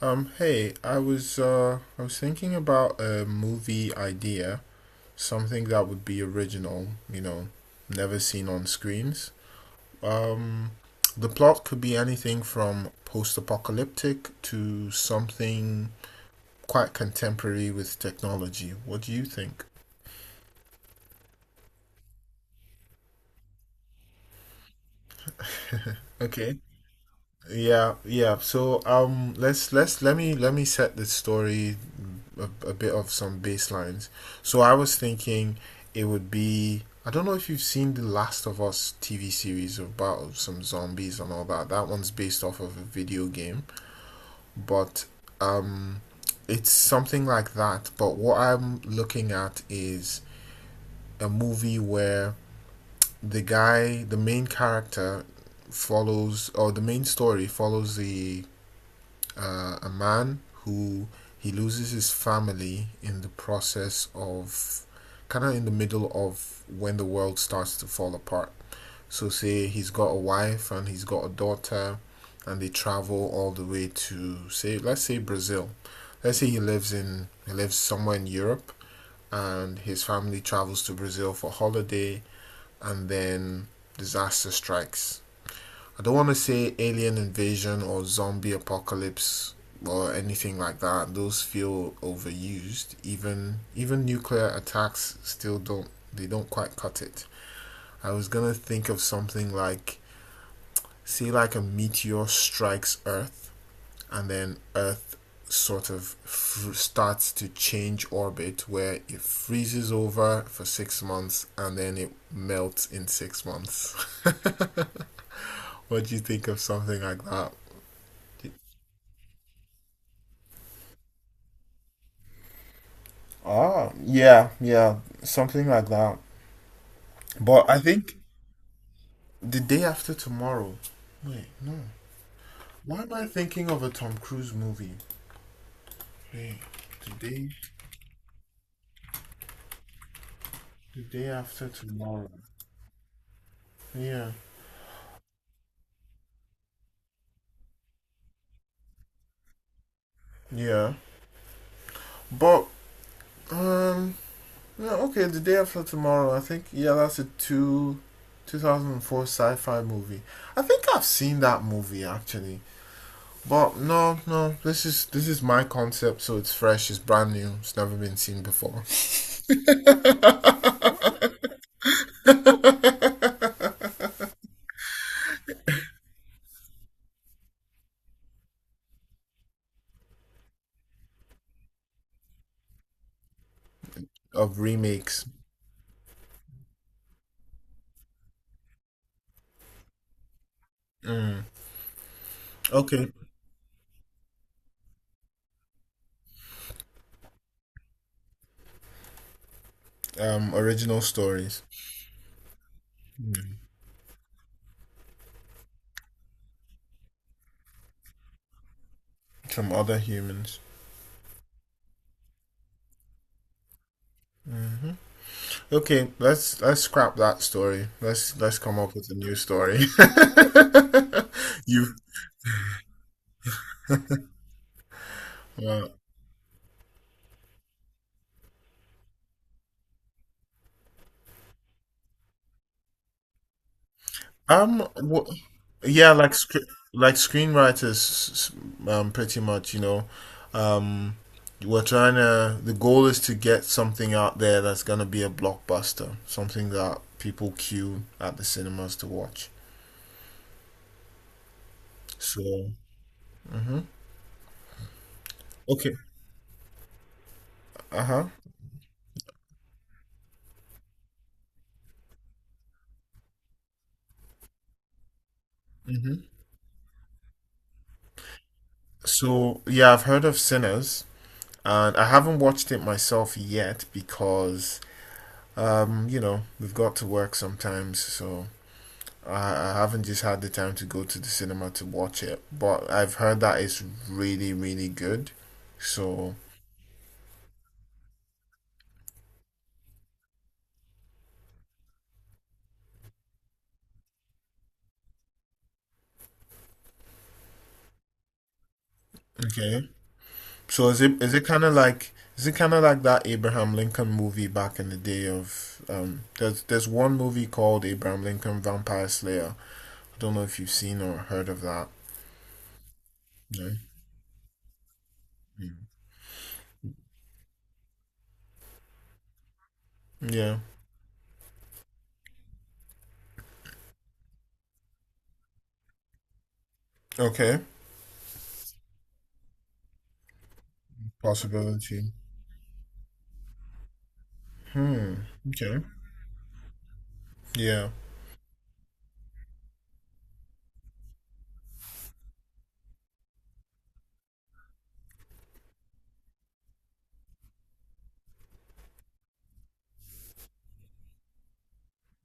Hey, I was thinking about a movie idea, something that would be original, never seen on screens. Um, the plot could be anything from post-apocalyptic to something quite contemporary with technology. What do you think? Okay. Yeah, yeah. So let me set the story a bit of some baselines. So I was thinking it would be I don't know if you've seen the Last of Us TV series about some zombies and all that. That one's based off of a video game, but um, it's something like that. But what I'm looking at is a movie where the main character, follows or the main story follows the a man who he loses his family in the process of kind of in the middle of when the world starts to fall apart. So, say he's got a wife and he's got a daughter, and they travel all the way to say, let's say Brazil. Let's say he lives somewhere in Europe, and his family travels to Brazil for holiday, and then disaster strikes. I don't want to say alien invasion or zombie apocalypse or anything like that. Those feel overused. Even nuclear attacks still don't they don't quite cut it. I was gonna think of something like say like a meteor strikes Earth and then Earth starts to change orbit where it freezes over for 6 months and then it melts in 6 months. What do you think of something like that? Ah, yeah, yeah, something like that. But I think the day after tomorrow. Wait, why am I thinking of a Tom Cruise movie? Wait, the day, the day after tomorrow. Yeah, yeah. But um, yeah, okay, the day after tomorrow. I think yeah, 2004 sci-fi movie. I think I've seen that movie actually. But no, no, this is my concept, so it's fresh, it's brand new, it's never been seen before. Of remakes. Mm. Okay. Original stories. Mm. From other humans. Okay, let's scrap that story. Let's come up with a new story. you uh, um wha- yeah, like screenwriters, pretty much. You know, um, we're trying to. The goal is to get something out there that's gonna be a blockbuster, something that people queue at the cinemas to watch. So, mhm. Okay, uh huh. So yeah, I've heard of Sinners, and I haven't watched it myself yet because you know we've got to work sometimes, so I haven't just had the time to go to the cinema to watch it. But I've heard that it's really really good. So okay, so is it kind of like is it kind of like that Abraham Lincoln movie back in the day of um? There's one movie called Abraham Lincoln Vampire Slayer. I don't know if you've seen or heard of that. No. Mm. Yeah. Okay. Possibility. Hmm. Okay. Yeah.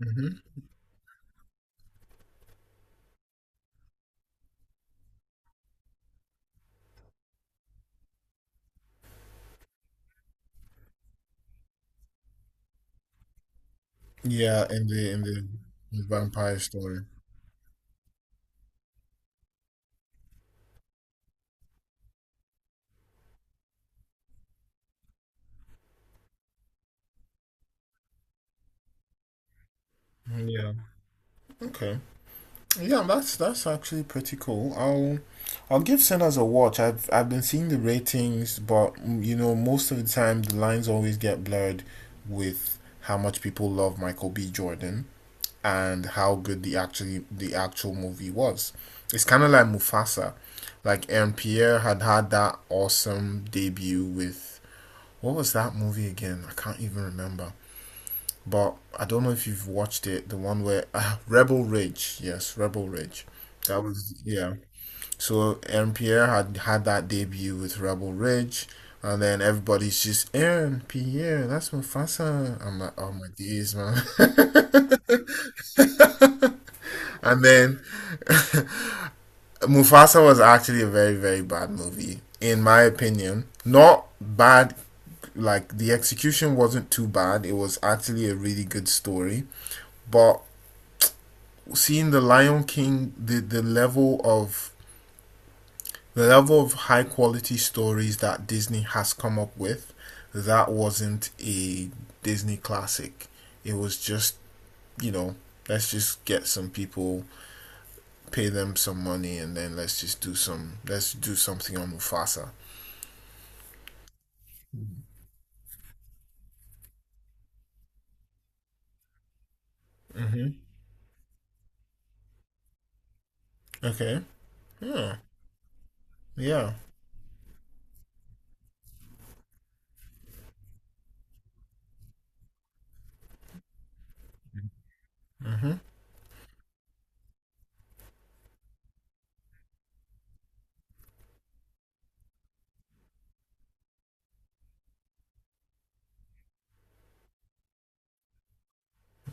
Hmm. Yeah. In the vampire story. Yeah. Okay. Yeah, that's actually pretty cool. I'll give Sinners a watch. I've been seeing the ratings, but mm, you know, most of the time the lines always get blurred with how much people love Michael B. Jordan and how good the actual movie was. It's kind of like Mufasa. Like Aaron Pierre had that awesome debut with what was that movie again? I can't even remember but I don't know if you've watched it, the one where ah, Rebel Ridge, yes, Rebel Ridge. That was yeah. So Aaron Pierre had that debut with Rebel Ridge, and then everybody's just Aaron Pierre, that's Mufasa. I'm like, oh my days, man. And then Mufasa was actually a very, very bad movie, in my opinion. Not bad, like the execution wasn't too bad. It was actually a really good story. But seeing the Lion King, the level of high quality stories that Disney has come up with, that wasn't a Disney classic. It was just you know let's just get some people, pay them some money, and then let's do something on Mufasa. Hmm. Okay. Yeah. Yeah. Hmm.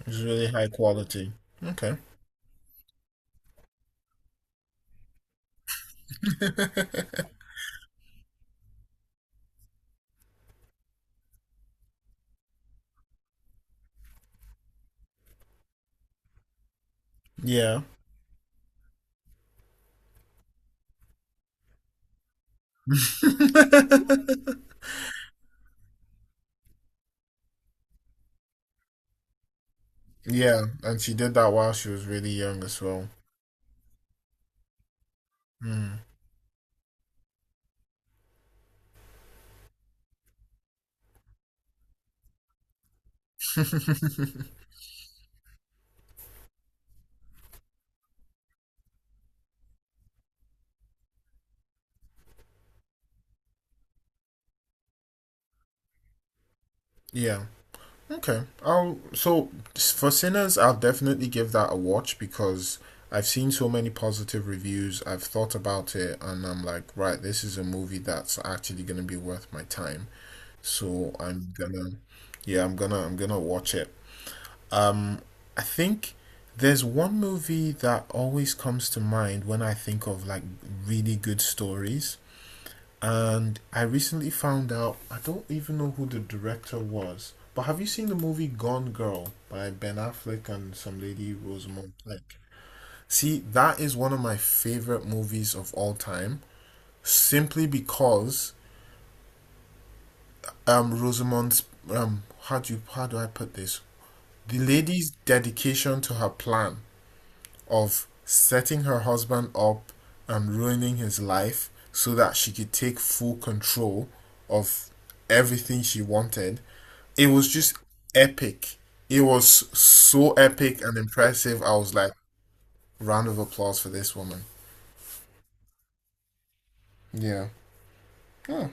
It's really high quality. Okay. Yeah. Yeah, and she did that while she was really young as well. Mm. Yeah. Okay. I'll so for Sinners, I'll definitely give that a watch because I've seen so many positive reviews. I've thought about it and I'm like, right, this is a movie that's actually gonna be worth my time. So yeah, I'm gonna watch it. Um, I think there's one movie that always comes to mind when I think of like really good stories and I recently found out I don't even know who the director was. But have you seen the movie Gone Girl by Ben Affleck and some lady Rosamund Pike? See, that is one of my favorite movies of all time, simply because Rosamund's how do you how do I put this? The lady's dedication to her plan of setting her husband up and ruining his life so that she could take full control of everything she wanted. It was just epic. It was so epic and impressive. I was like, round of applause for this woman. Yeah. Huh.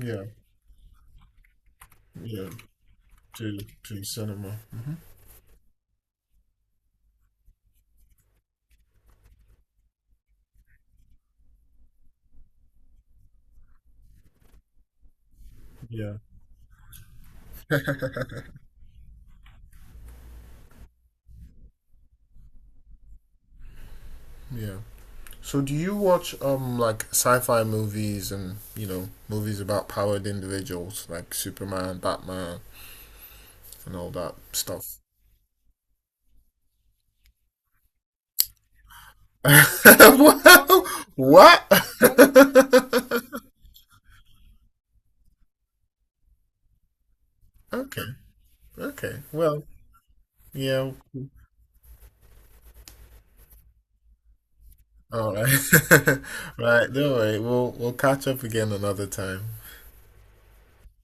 Yeah. Yeah. To cinema. Yeah. Yeah. So do you watch like sci-fi movies and you know movies about powered individuals like Superman, Batman, and all that stuff. What? Okay, okay. Well, yeah. All right, right. Don't worry. We'll catch up again another time.